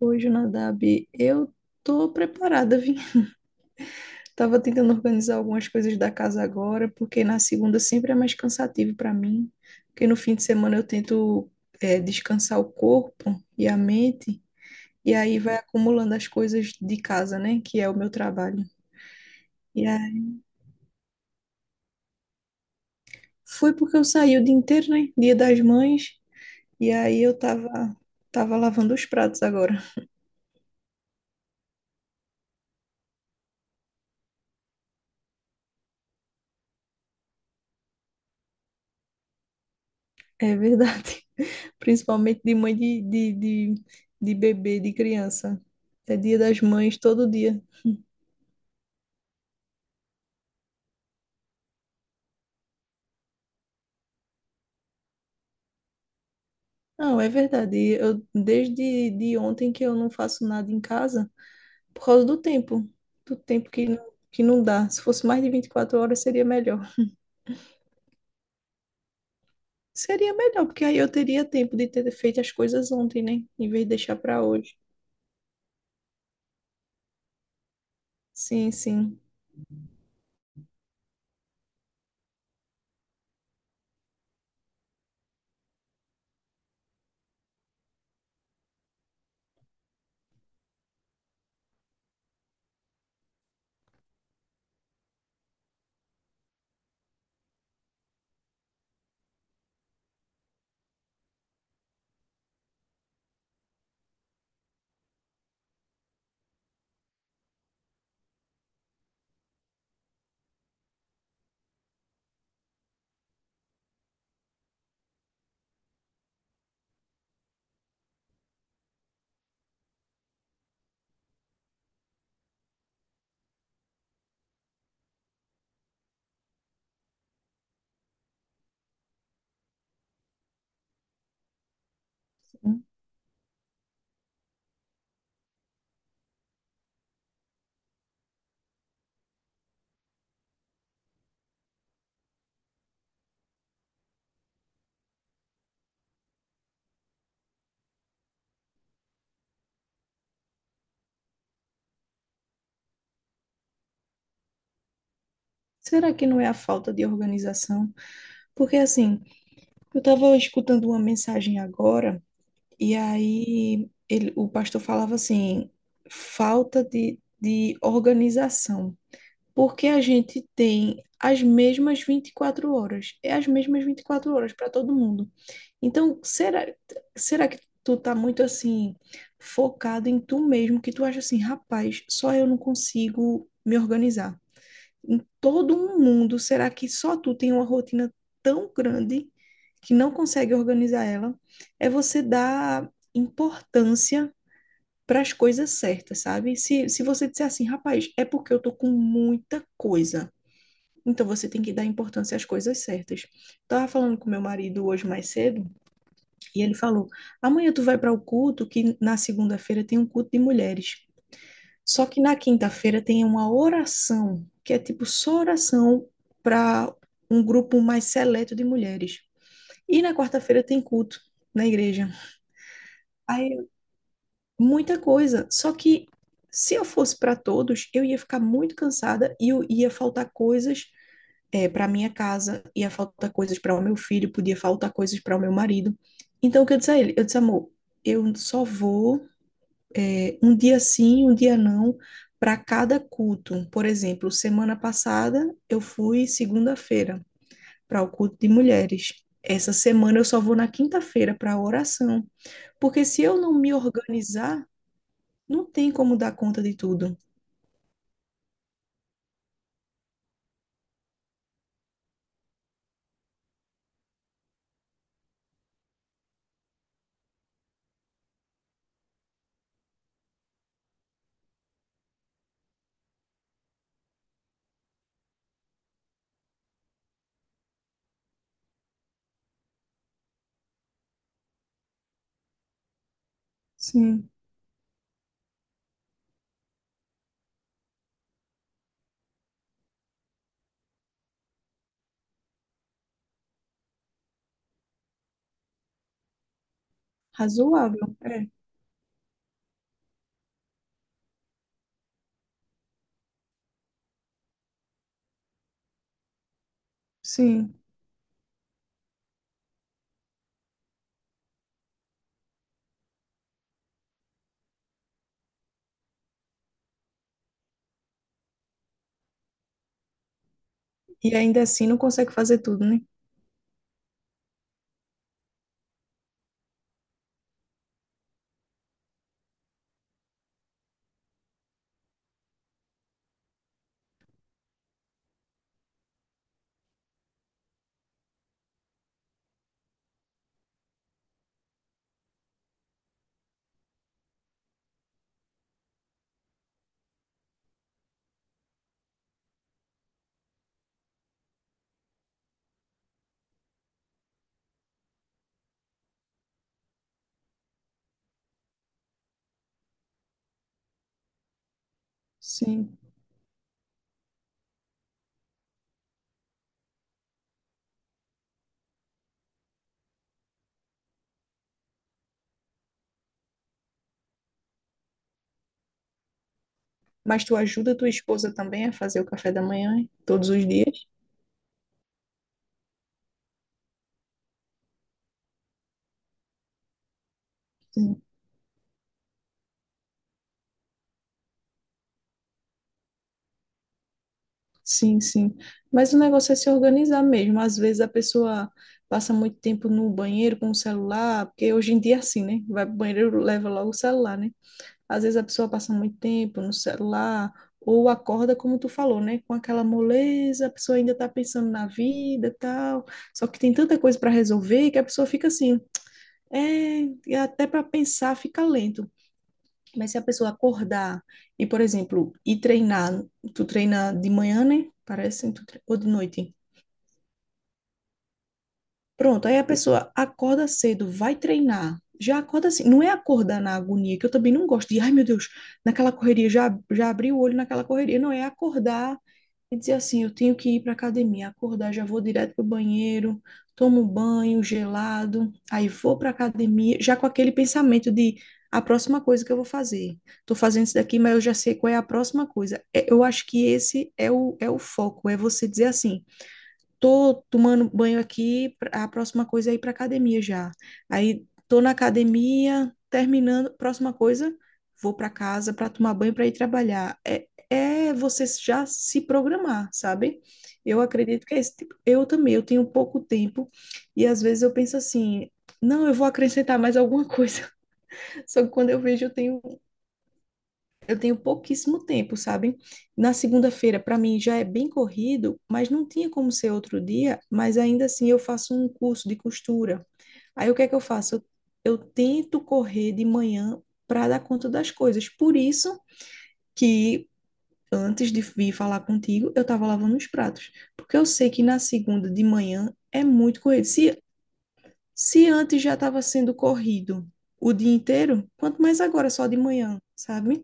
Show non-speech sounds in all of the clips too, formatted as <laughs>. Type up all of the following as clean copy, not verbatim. Hoje, Nadab, eu tô preparada, vim. <laughs> Tava tentando organizar algumas coisas da casa agora, porque na segunda sempre é mais cansativo para mim, porque no fim de semana eu tento descansar o corpo e a mente, e aí vai acumulando as coisas de casa, né, que é o meu trabalho. E aí, foi porque eu saí o dia inteiro, né, Dia das Mães, e aí eu tava lavando os pratos agora. É verdade. Principalmente de mãe de bebê, de criança. É dia das mães todo dia. Não, é verdade. Eu, desde de ontem que eu não faço nada em casa por causa do tempo. Do tempo que não dá. Se fosse mais de 24 horas, seria melhor. Seria melhor, porque aí eu teria tempo de ter feito as coisas ontem, né? Em vez de deixar para hoje. Sim, sim. Será que não é a falta de organização? Porque assim, eu estava escutando uma mensagem agora. E aí ele, o pastor falava assim, falta de organização. Porque a gente tem as mesmas 24 horas. É as mesmas 24 horas para todo mundo. Então, será que tu tá muito assim, focado em tu mesmo, que tu acha assim, rapaz, só eu não consigo me organizar? Em todo um mundo, será que só tu tem uma rotina tão grande que não consegue organizar ela? É você dar importância para as coisas certas, sabe? Se você disser assim, rapaz, é porque eu tô com muita coisa. Então você tem que dar importância às coisas certas. Tava falando com meu marido hoje mais cedo e ele falou: "Amanhã tu vai para o culto que na segunda-feira tem um culto de mulheres". Só que na quinta-feira tem uma oração, que é tipo só oração para um grupo mais seleto de mulheres. E na quarta-feira tem culto na igreja. Aí, muita coisa. Só que se eu fosse para todos, eu ia ficar muito cansada e eu ia faltar coisas para minha casa, ia faltar coisas para o meu filho, podia faltar coisas para o meu marido. Então, o que eu disse a ele? Eu disse, amor, eu só vou um dia sim, um dia não, para cada culto. Por exemplo, semana passada eu fui segunda-feira para o culto de mulheres. Essa semana eu só vou na quinta-feira para a oração, porque se eu não me organizar, não tem como dar conta de tudo. Sim, razoável, é, sim. E ainda assim não consegue fazer tudo, né? Sim. Mas tu ajuda tua esposa também a fazer o café da manhã, hein? Todos os dias? Sim. Sim, sim. Mas o negócio é se organizar mesmo. Às vezes a pessoa passa muito tempo no banheiro com o celular, porque hoje em dia é assim, né? Vai pro banheiro, leva logo o celular, né? Às vezes a pessoa passa muito tempo no celular, ou acorda, como tu falou, né? Com aquela moleza, a pessoa ainda tá pensando na vida, e tal. Só que tem tanta coisa para resolver que a pessoa fica assim, é, e até para pensar fica lento. Mas se a pessoa acordar e, por exemplo, ir treinar, tu treina de manhã, né? Parece, ou de noite? Pronto, aí a pessoa acorda cedo, vai treinar. Já acorda assim, não é acordar na agonia, que eu também não gosto de, ai meu Deus, naquela correria, já abri o olho naquela correria. Não, é acordar e dizer assim, eu tenho que ir para academia. Acordar, já vou direto pro banheiro, tomo banho gelado, aí vou para academia, já com aquele pensamento de a próxima coisa que eu vou fazer. Tô fazendo isso daqui, mas eu já sei qual é a próxima coisa. É, eu acho que esse é é o foco, é você dizer assim, tô tomando banho aqui, a próxima coisa é ir para academia já. Aí tô na academia, terminando, próxima coisa, vou para casa para tomar banho para ir trabalhar. É, é você já se programar, sabe? Eu acredito que é esse tipo. Eu também, eu tenho pouco tempo e às vezes eu penso assim, não, eu vou acrescentar mais alguma coisa. <laughs> Só que quando eu vejo, eu tenho pouquíssimo tempo, sabe? Na segunda-feira, para mim, já é bem corrido, mas não tinha como ser outro dia, mas ainda assim eu faço um curso de costura. Aí o que é que eu faço? Eu tento correr de manhã para dar conta das coisas. Por isso que antes de vir falar contigo, eu estava lavando os pratos, porque eu sei que na segunda de manhã é muito corrido. Se antes já estava sendo corrido o dia inteiro, quanto mais agora, só de manhã, sabe?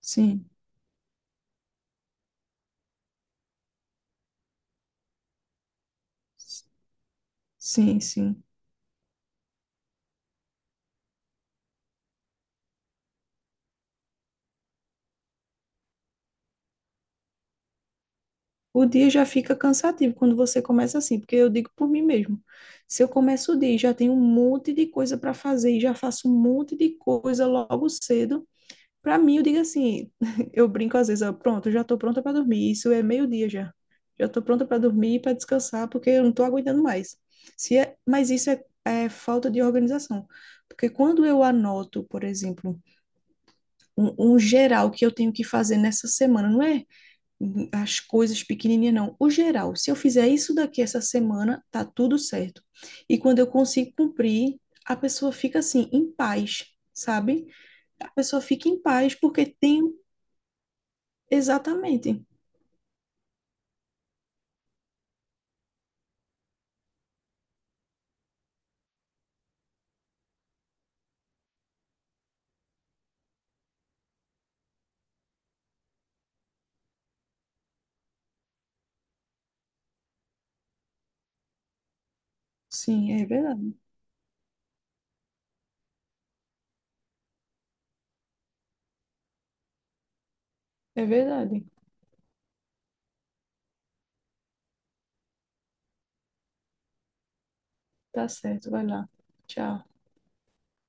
Sim. Sim, sim. O dia já fica cansativo quando você começa assim, porque eu digo por mim mesmo. Se eu começo o dia e já tenho um monte de coisa para fazer e já faço um monte de coisa logo cedo, para mim eu digo assim, <laughs> eu brinco às vezes, ó, pronto, eu já estou pronta para dormir. Isso é meio-dia já. Já estou pronta para dormir e para descansar, porque eu não estou aguentando mais. Se é, mas isso é falta de organização. Porque quando eu anoto, por exemplo, um geral que eu tenho que fazer nessa semana, não é? As coisas pequenininhas, não. O geral, se eu fizer isso daqui essa semana, tá tudo certo. E quando eu consigo cumprir, a pessoa fica assim, em paz, sabe? A pessoa fica em paz porque tem um, exatamente. Sim, é verdade. É verdade. Tá certo, vai lá. Tchau.